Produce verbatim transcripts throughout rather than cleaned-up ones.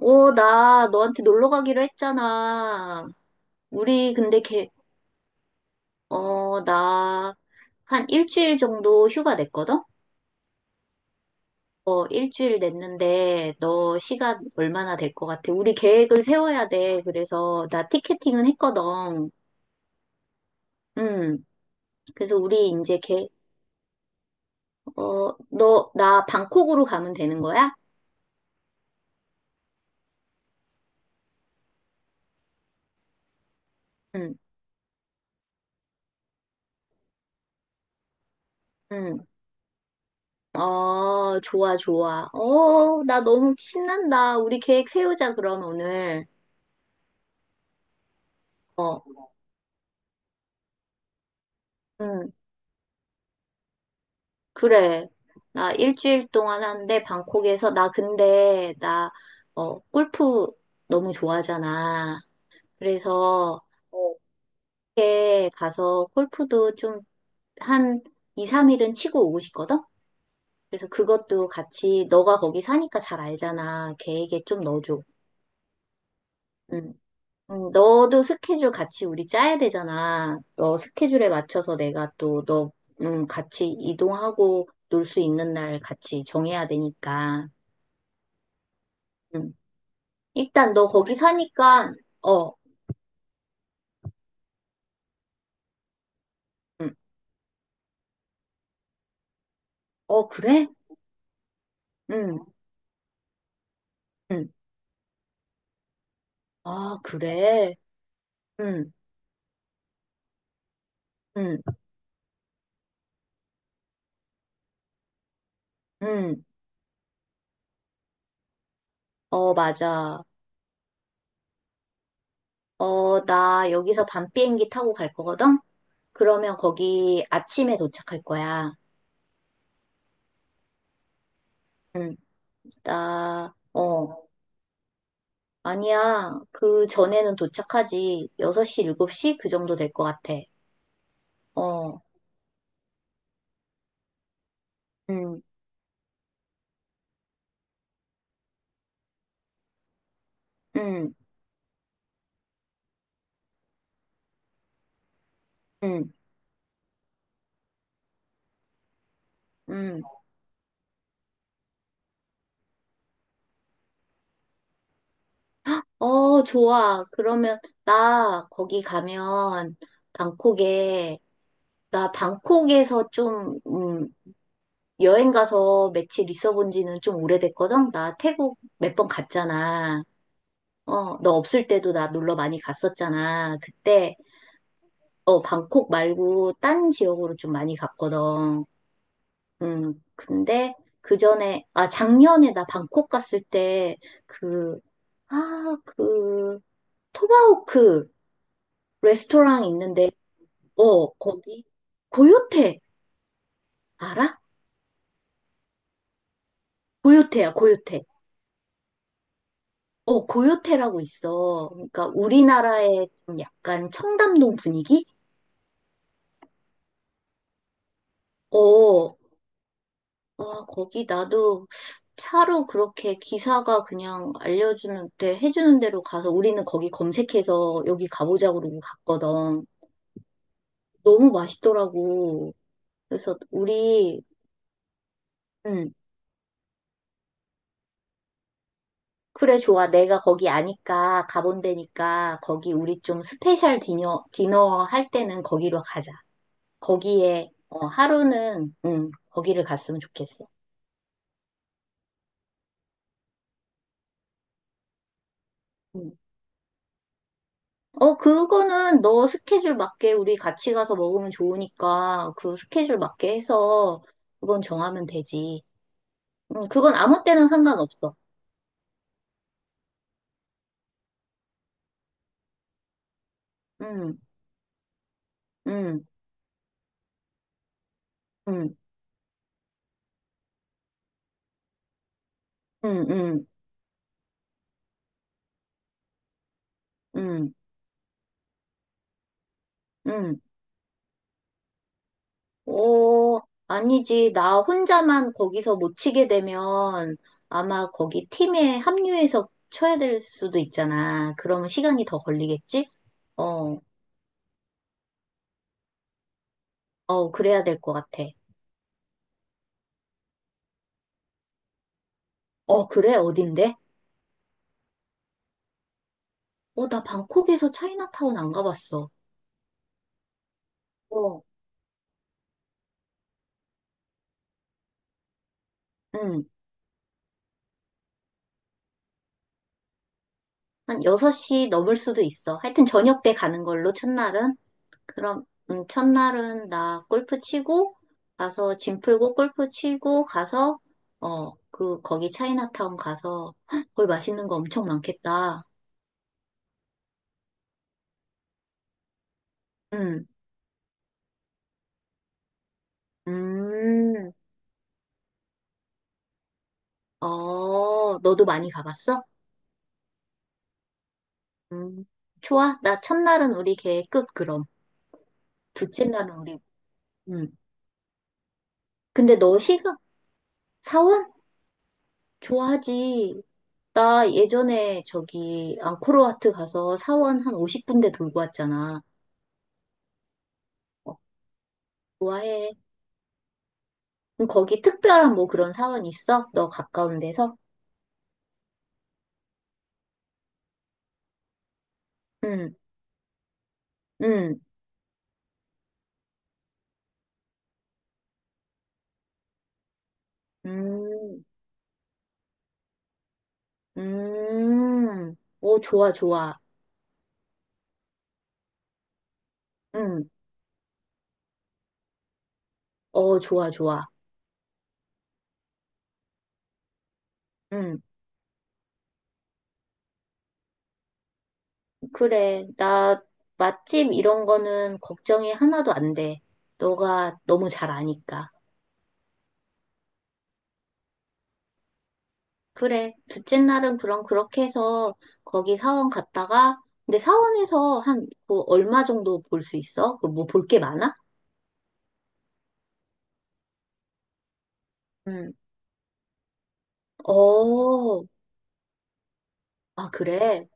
어, 나 너한테 놀러 가기로 했잖아. 우리 근데 걔, 어, 나 한 일주일 정도 휴가 냈거든? 어, 일주일 냈는데 너 시간 얼마나 될 것 같아? 우리 계획을 세워야 돼. 그래서 나 티켓팅은 했거든. 음 그래서 우리 이제 걔, 어, 너, 나 방콕으로 가면 되는 거야? 응, 응. 어, 좋아, 좋아. 어, 나 너무 신난다. 우리 계획 세우자, 그럼 오늘. 어. 응. 그래. 나 일주일 동안 한데 방콕에서 나 근데 나 어, 골프 너무 좋아하잖아. 그래서 어, 이렇게 가서 골프도 좀 한 이, 삼 일은 치고 오고 싶거든? 그래서 그것도 같이 너가 거기 사니까 잘 알잖아. 계획에 좀 넣어줘. 응. 응, 너도 스케줄 같이 우리 짜야 되잖아. 너 스케줄에 맞춰서 내가 또 너, 응, 같이 이동하고 놀 수 있는 날 같이 정해야 되니까. 응. 일단 너 거기 사니까, 어, 음, 어, 그래? 응, 응. 아, 그래? 응, 응, 응. 어, 맞아. 어, 나 여기서 밤 비행기 타고 갈 거거든? 그러면 거기 아침에 도착할 거야. 응, 나, 어, 아니야. 그 전에는 도착하지. 여섯 시, 일곱 시? 그 정도 될 것 같아. 어, 응, 응, 응, 응. 어, 좋아. 그러면 나 거기 가면 방콕에 나 방콕에서 좀 음, 여행 가서 며칠 있어 본 지는 좀 오래됐거든. 나 태국 몇 번 갔잖아. 어, 너 없을 때도 나 놀러 많이 갔었잖아. 그때 어, 방콕 말고 딴 지역으로 좀 많이 갔거든. 음, 근데 그 전에 아 작년에 나 방콕 갔을 때 그 아, 그 토바호크 레스토랑 있는데 어, 거기, 고요태, 알아? 고요태야, 고요태. 어, 고요태라고 있어. 그러니까 우리나라의 좀 약간 청담동 분위기? 어, 어, 거기 나도 차로 그렇게 기사가 그냥 알려주는, 데 해주는 대로 가서 우리는 거기 검색해서 여기 가보자 그러고 갔거든. 너무 맛있더라고. 그래서 우리, 음. 그래, 좋아. 내가 거기 아니까, 가본 데니까, 거기 우리 좀 스페셜 디너, 디너 할 때는 거기로 가자. 거기에, 어, 하루는, 음, 거기를 갔으면 좋겠어. 음. 어, 그거는 너 스케줄 맞게 우리 같이 가서 먹으면 좋으니까, 그 스케줄 맞게 해서, 그건 정하면 되지. 음, 그건 아무 때나 상관없어. 음, 음, 음, 음, 음, 음, 음, 음. 어, 아니지. 나 혼자만 거기서 못 치게 되면 아마 거기 팀에 합류해서 쳐야 될 수도 있잖아. 그러면 시간이 더 걸리겠지? 어, 어, 그래야 될 것 같아. 어, 그래? 어딘데? 어, 나 방콕에서 차이나타운 안 가봤어. 어, 응. 한 여섯 시 넘을 수도 있어. 하여튼 저녁 때 가는 걸로, 첫날은. 그럼, 음, 첫날은 나 골프 치고, 가서 짐 풀고 골프 치고, 가서, 어, 그, 거기 차이나타운 가서, 헉, 거기 맛있는 거 엄청 많겠다. 음, 음, 어, 너도 많이 가봤어? 음, 좋아. 나 첫날은 우리 계획 끝, 그럼. 둘째 날은 우리, 음. 근데 너 시간, 사원? 좋아하지. 나 예전에 저기, 앙코르와트 가서 사원 한 오십 군데 돌고 왔잖아. 어, 좋아해. 그럼 거기 특별한 뭐 그런 사원 있어? 너 가까운 데서? 응, 응, 음, 음, 오, 좋아, 좋아. 응, 어, 좋아, 좋아. 응, 그래. 나 맛집 이런 거는 걱정이 하나도 안 돼. 너가 너무 잘 아니까. 그래. 둘째 날은 그럼 그렇게 해서 거기 사원 갔다가, 근데 사원에서 한, 그 얼마 정도 볼 수 있어? 뭐 볼 게 많아? 응, 어, 아, 그래.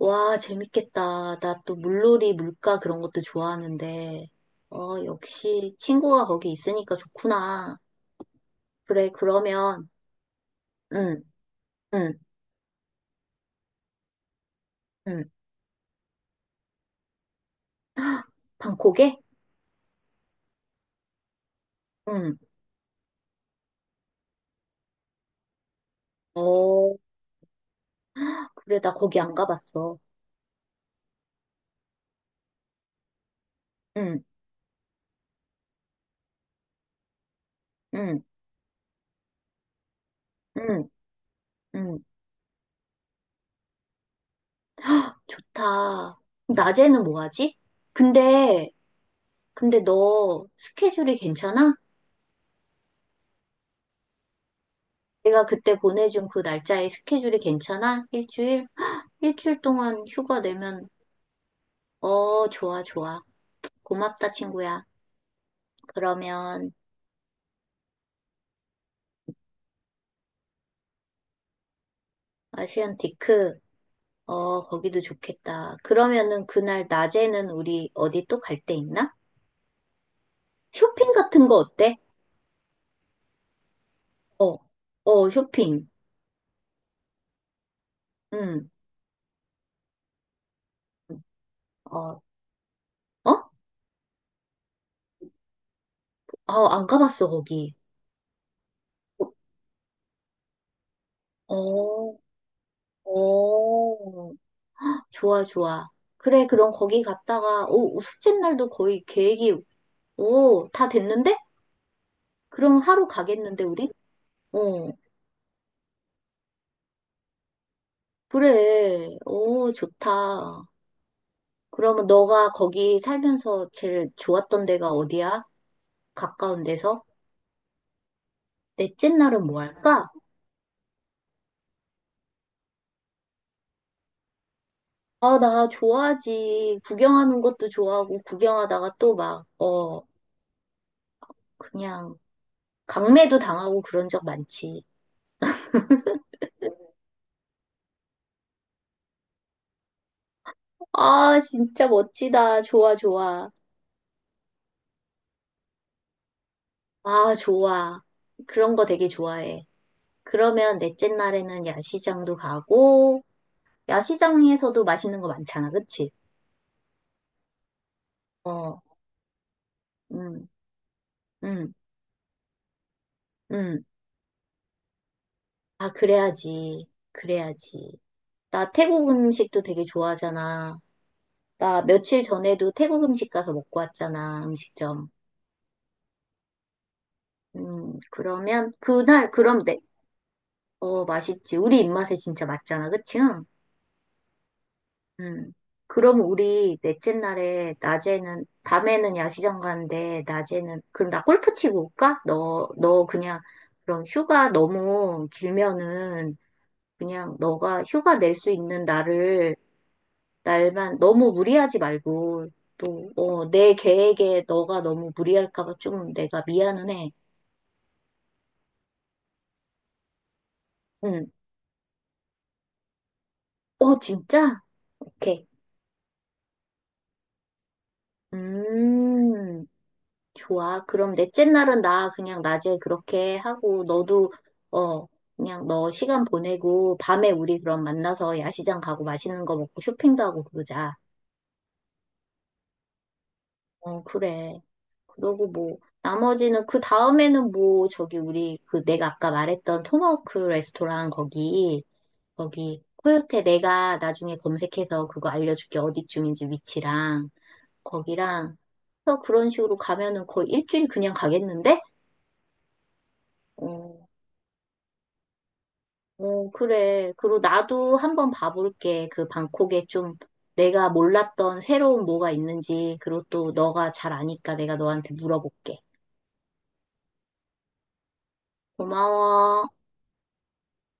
와, 재밌겠다. 나 또 물놀이, 물가 그런 것도 좋아하는데, 어, 역시 친구가 거기 있으니까 좋구나. 그래, 그러면, 응, 응, 응. 방콕에? 응. 어, 그래, 나 거기 안 가봤어. 응, 응, 응, 응. 좋다. 낮에는 뭐 하지? 근데, 근데 너 스케줄이 괜찮아? 내가 그때 보내준 그 날짜에 스케줄이 괜찮아? 일주일? 일주일 동안 휴가 내면 어, 좋아, 좋아. 고맙다, 친구야. 그러면 아시안 디크, 어, 거기도 좋겠다. 그러면은 그날 낮에는 우리 어디 또 갈데 있나? 쇼핑 같은 거 어때? 어, 어, 쇼핑. 응, 어, 어? 아, 안 가봤어, 거기. 어, 어, 좋아, 좋아. 그래, 그럼 거기 갔다가, 오, 숙제 날도 거의 계획이, 오, 다 됐는데? 그럼 하루 가겠는데, 우리? 어. 그래. 오, 좋다. 그러면 너가 거기 살면서 제일 좋았던 데가 어디야? 가까운 데서? 넷째 날은 뭐 할까? 아, 나 좋아하지. 구경하는 것도 좋아하고, 구경하다가 또 막, 어, 그냥, 강매도 당하고 그런 적 많지. 아, 진짜 멋지다. 좋아, 좋아. 아, 좋아. 그런 거 되게 좋아해. 그러면 넷째 날에는 야시장도 가고, 야시장에서도 맛있는 거 많잖아. 그치? 어. 음. 응, 응. 아, 그래야지. 그래야지. 나 태국 음식도 되게 좋아하잖아. 나 며칠 전에도 태국 음식 가서 먹고 왔잖아, 음식점. 음, 그러면, 그날, 그럼 내, 어, 맛있지. 우리 입맛에 진짜 맞잖아, 그치? 응. 음. 그럼 우리 넷째 날에, 낮에는, 밤에는 야시장 가는데, 낮에는, 그럼 나 골프 치고 올까? 너, 너 그냥, 그럼 휴가 너무 길면은, 그냥 너가 휴가 낼 수 있는 날을 날만 너무 무리하지 말고 또, 어, 내 계획에 너가 너무 무리할까 봐 좀 내가 미안은 해. 응. 어, 진짜? 오케이. 음, 좋아. 그럼 넷째 날은 나 그냥 낮에 그렇게 하고 너도 어, 그냥 너 시간 보내고 밤에 우리 그럼 만나서 야시장 가고 맛있는 거 먹고 쇼핑도 하고 그러자. 어, 그래. 그러고 뭐 나머지는 그 다음에는 뭐 저기 우리 그 내가 아까 말했던 토마호크 레스토랑 거기 거기 코요테 내가 나중에 검색해서 그거 알려줄게. 어디쯤인지 위치랑 거기랑 그래서 그런 식으로 가면은 거의 일주일 그냥 가겠는데? 어, 어, 그래. 그리고 나도 한번 봐볼게. 그 방콕에 좀 내가 몰랐던 새로운 뭐가 있는지 그리고 또 너가 잘 아니까 내가 너한테 물어볼게. 고마워.